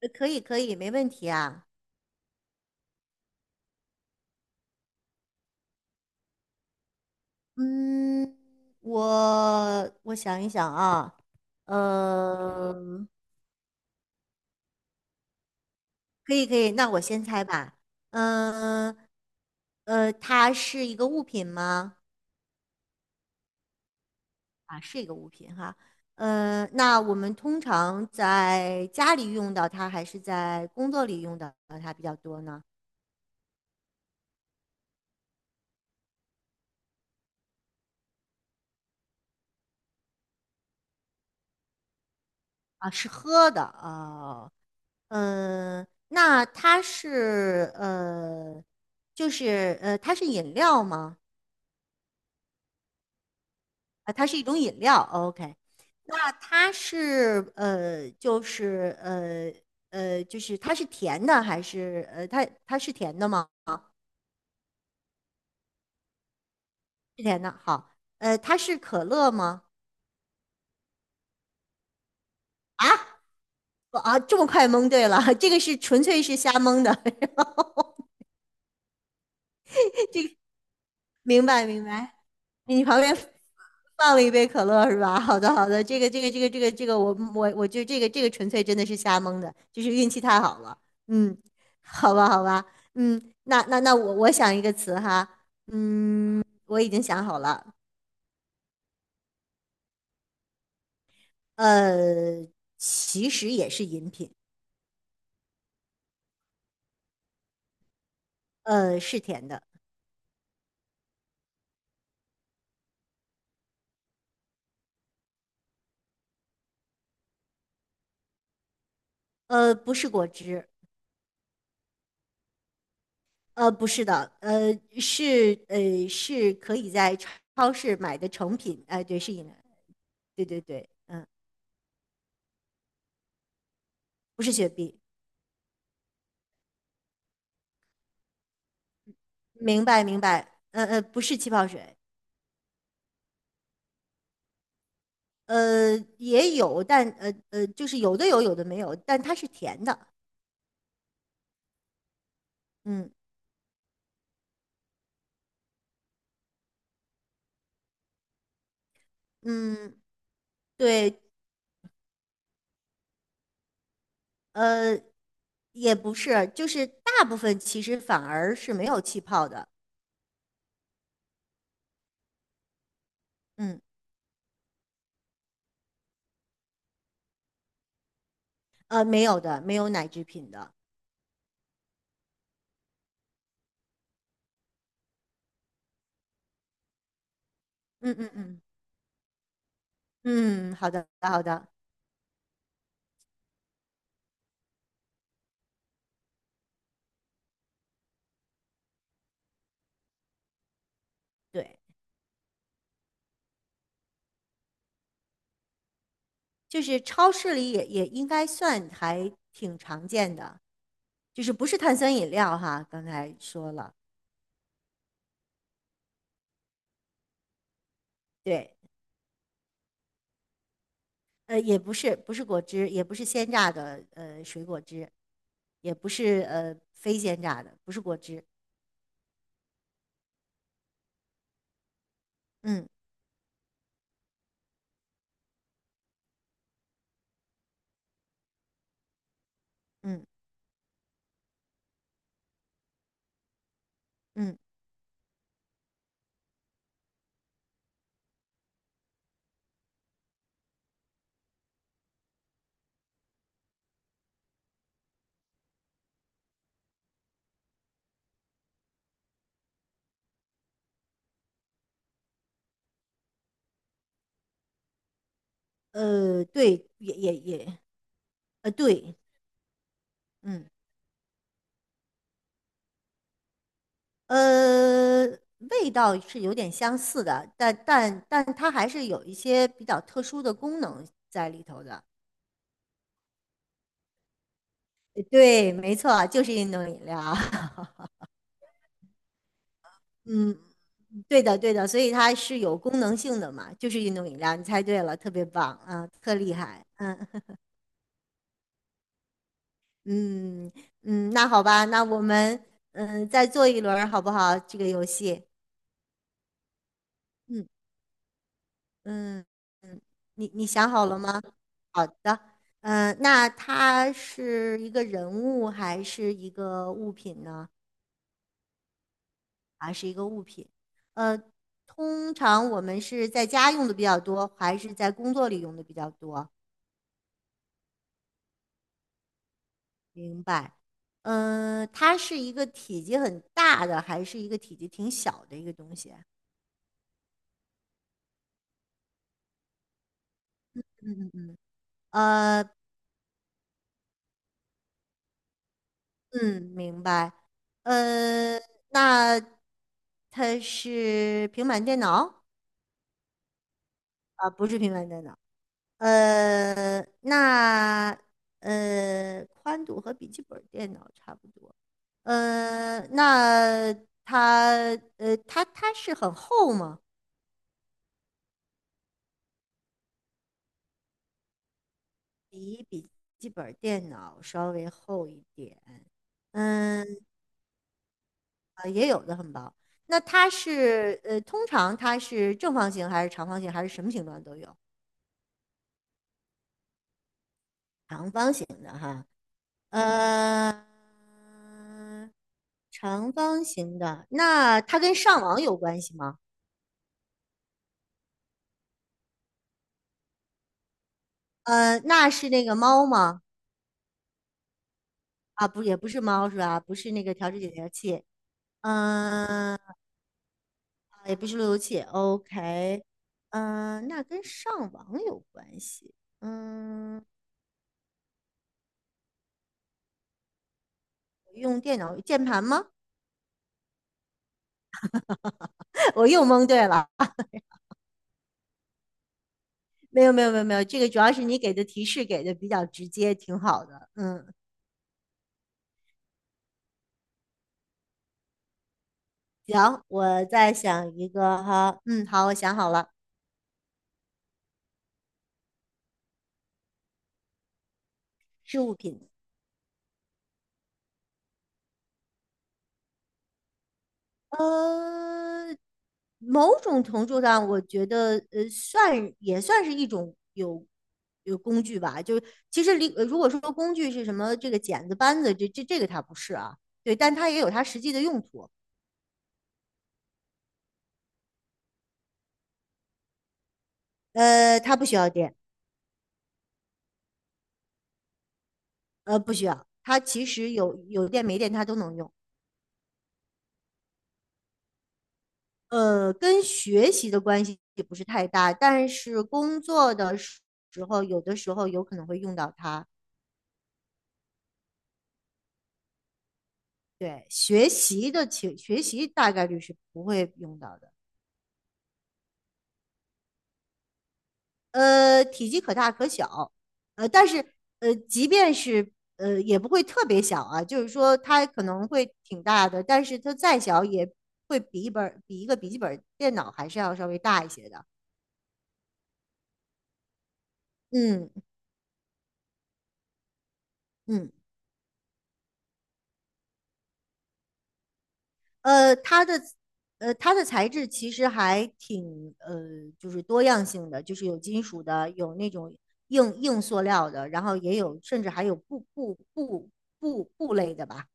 可以，可以，没问题啊。嗯，我想一想啊，嗯，可以，可以。那我先猜吧。嗯，它是一个物品吗？啊，是一个物品哈。嗯，那我们通常在家里用到它，还是在工作里用到它比较多呢？啊，是喝的啊。嗯，那它是呃，就是呃，它是饮料吗？啊，它是一种饮料。OK，那它是呃，就是呃呃，就是它是甜的还是它是甜的吗？是甜的。好，它是可乐吗？啊，这么快蒙对了，这个是纯粹是瞎蒙的。这个明白明白。你旁边放了一杯可乐是吧？好的，好的，我就这个纯粹真的是瞎蒙的，就是运气太好了。嗯，好吧，好吧，嗯，那我想一个词哈，嗯，我已经想好了，呃，其实也是饮品，是甜的，不是果汁，不是的，是可以在超市买的成品，哎、对，是饮料，对对对，嗯，不是雪碧。明白明白，不是气泡水，呃也有，但就是有的有，有的没有，但它是甜的，嗯嗯，对，呃也不是，就是大部分其实反而是没有气泡的，嗯没有的，没有奶制品的，嗯嗯嗯嗯，好的好的，对，就是超市里也应该算还挺常见的，就是不是碳酸饮料哈，刚才说了，对。也不是，不是果汁，也不是鲜榨的，水果汁，也不是非鲜榨的，不是果汁。嗯嗯嗯，对，也也也，呃，对，嗯呃，味道是有点相似的，但它还是有一些比较特殊的功能在里头的。对，没错，就是运动饮料。嗯，对的，对的，所以它是有功能性的嘛，就是运动饮料，你猜对了，特别棒啊，特厉害，嗯。嗯嗯，那好吧，那我们嗯再做一轮儿好不好？这个游戏，嗯嗯嗯，你想好了吗？好的，嗯，那它是一个人物还是一个物品呢？啊，是一个物品？呃，通常我们是在家用的比较多，还是在工作里用的比较多？明白。嗯，它是一个体积很大的，还是一个体积挺小的一个东西？嗯嗯嗯。呃，嗯，明白。呃，那它是平板电脑。啊，不是平板电脑。呃，那宽度和笔记本电脑差不多。呃，那它它是很厚吗？比笔记本电脑稍微厚一点。嗯，呃也有的很薄。那它是通常它是正方形还是长方形还是什么形状都有？长方形的哈，呃，长方形的，那它跟上网有关系吗？那是那个猫吗？啊，不，也不是猫是吧？不是那个调制解调器，嗯、也不是路由器。OK，那跟上网有关系。嗯，用电脑键盘吗？我又蒙对了。没有没有没有没有，这个主要是你给的提示给的比较直接，挺好的。嗯行，我再想一个哈，嗯，好，我想好了，是物品。呃，某种程度上，我觉得算也算是一种有工具吧。就是其实离呃如果说工具是什么，这个剪子、扳子，这个它不是啊，对，但它也有它实际的用途。它不需要电，呃，不需要，它其实有电没电它都能用。跟学习的关系也不是太大，但是工作的时候，有的时候有可能会用到它。对，学习大概率是不会用到的。体积可大可小，但是即便是也不会特别小啊，就是说它可能会挺大的，但是它再小也会比一个笔记本电脑还是要稍微大一些的。嗯嗯。呃，它的它的材质其实还挺就是多样性的，就是有金属的，有那种硬塑料的，然后也有甚至还有布类的吧。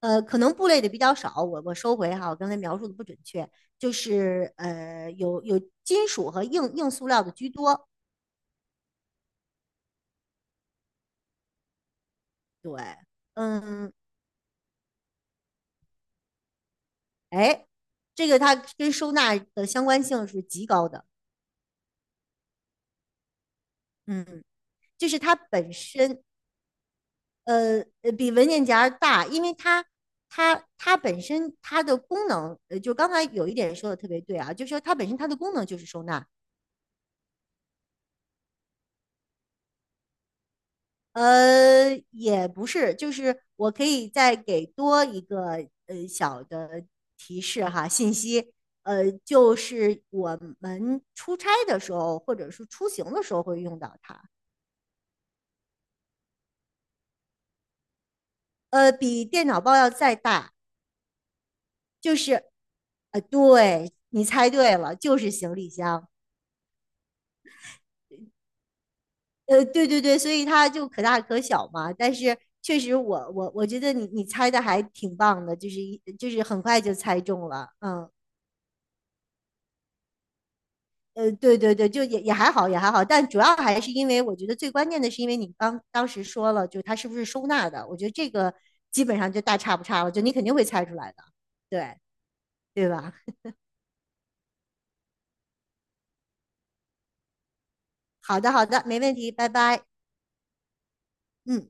可能布类的比较少，我收回哈，我刚才描述的不准确，就是呃有有金属和硬塑料的居多。对，嗯，哎，这个它跟收纳的相关性是极高的，嗯，就是它本身。呃比文件夹大，因为它本身它的功能，就刚才有一点说的特别对啊，就是说它本身它的功能就是收纳，也不是，就是我可以再给多一个小的提示哈，信息，就是我们出差的时候或者是出行的时候会用到它，比电脑包要再大，就是，对，你猜对了，就是行李箱。对对对，所以它就可大可小嘛。但是确实我觉得你你猜的还挺棒的，就是一就是很快就猜中了。嗯，对对对，就也还好，也还好。但主要还是因为我觉得最关键的是，因为你刚当时说了，就是它是不是收纳的，我觉得这个基本上就大差不差了，就你肯定会猜出来的，对对吧？好的好的，没问题，拜拜。嗯。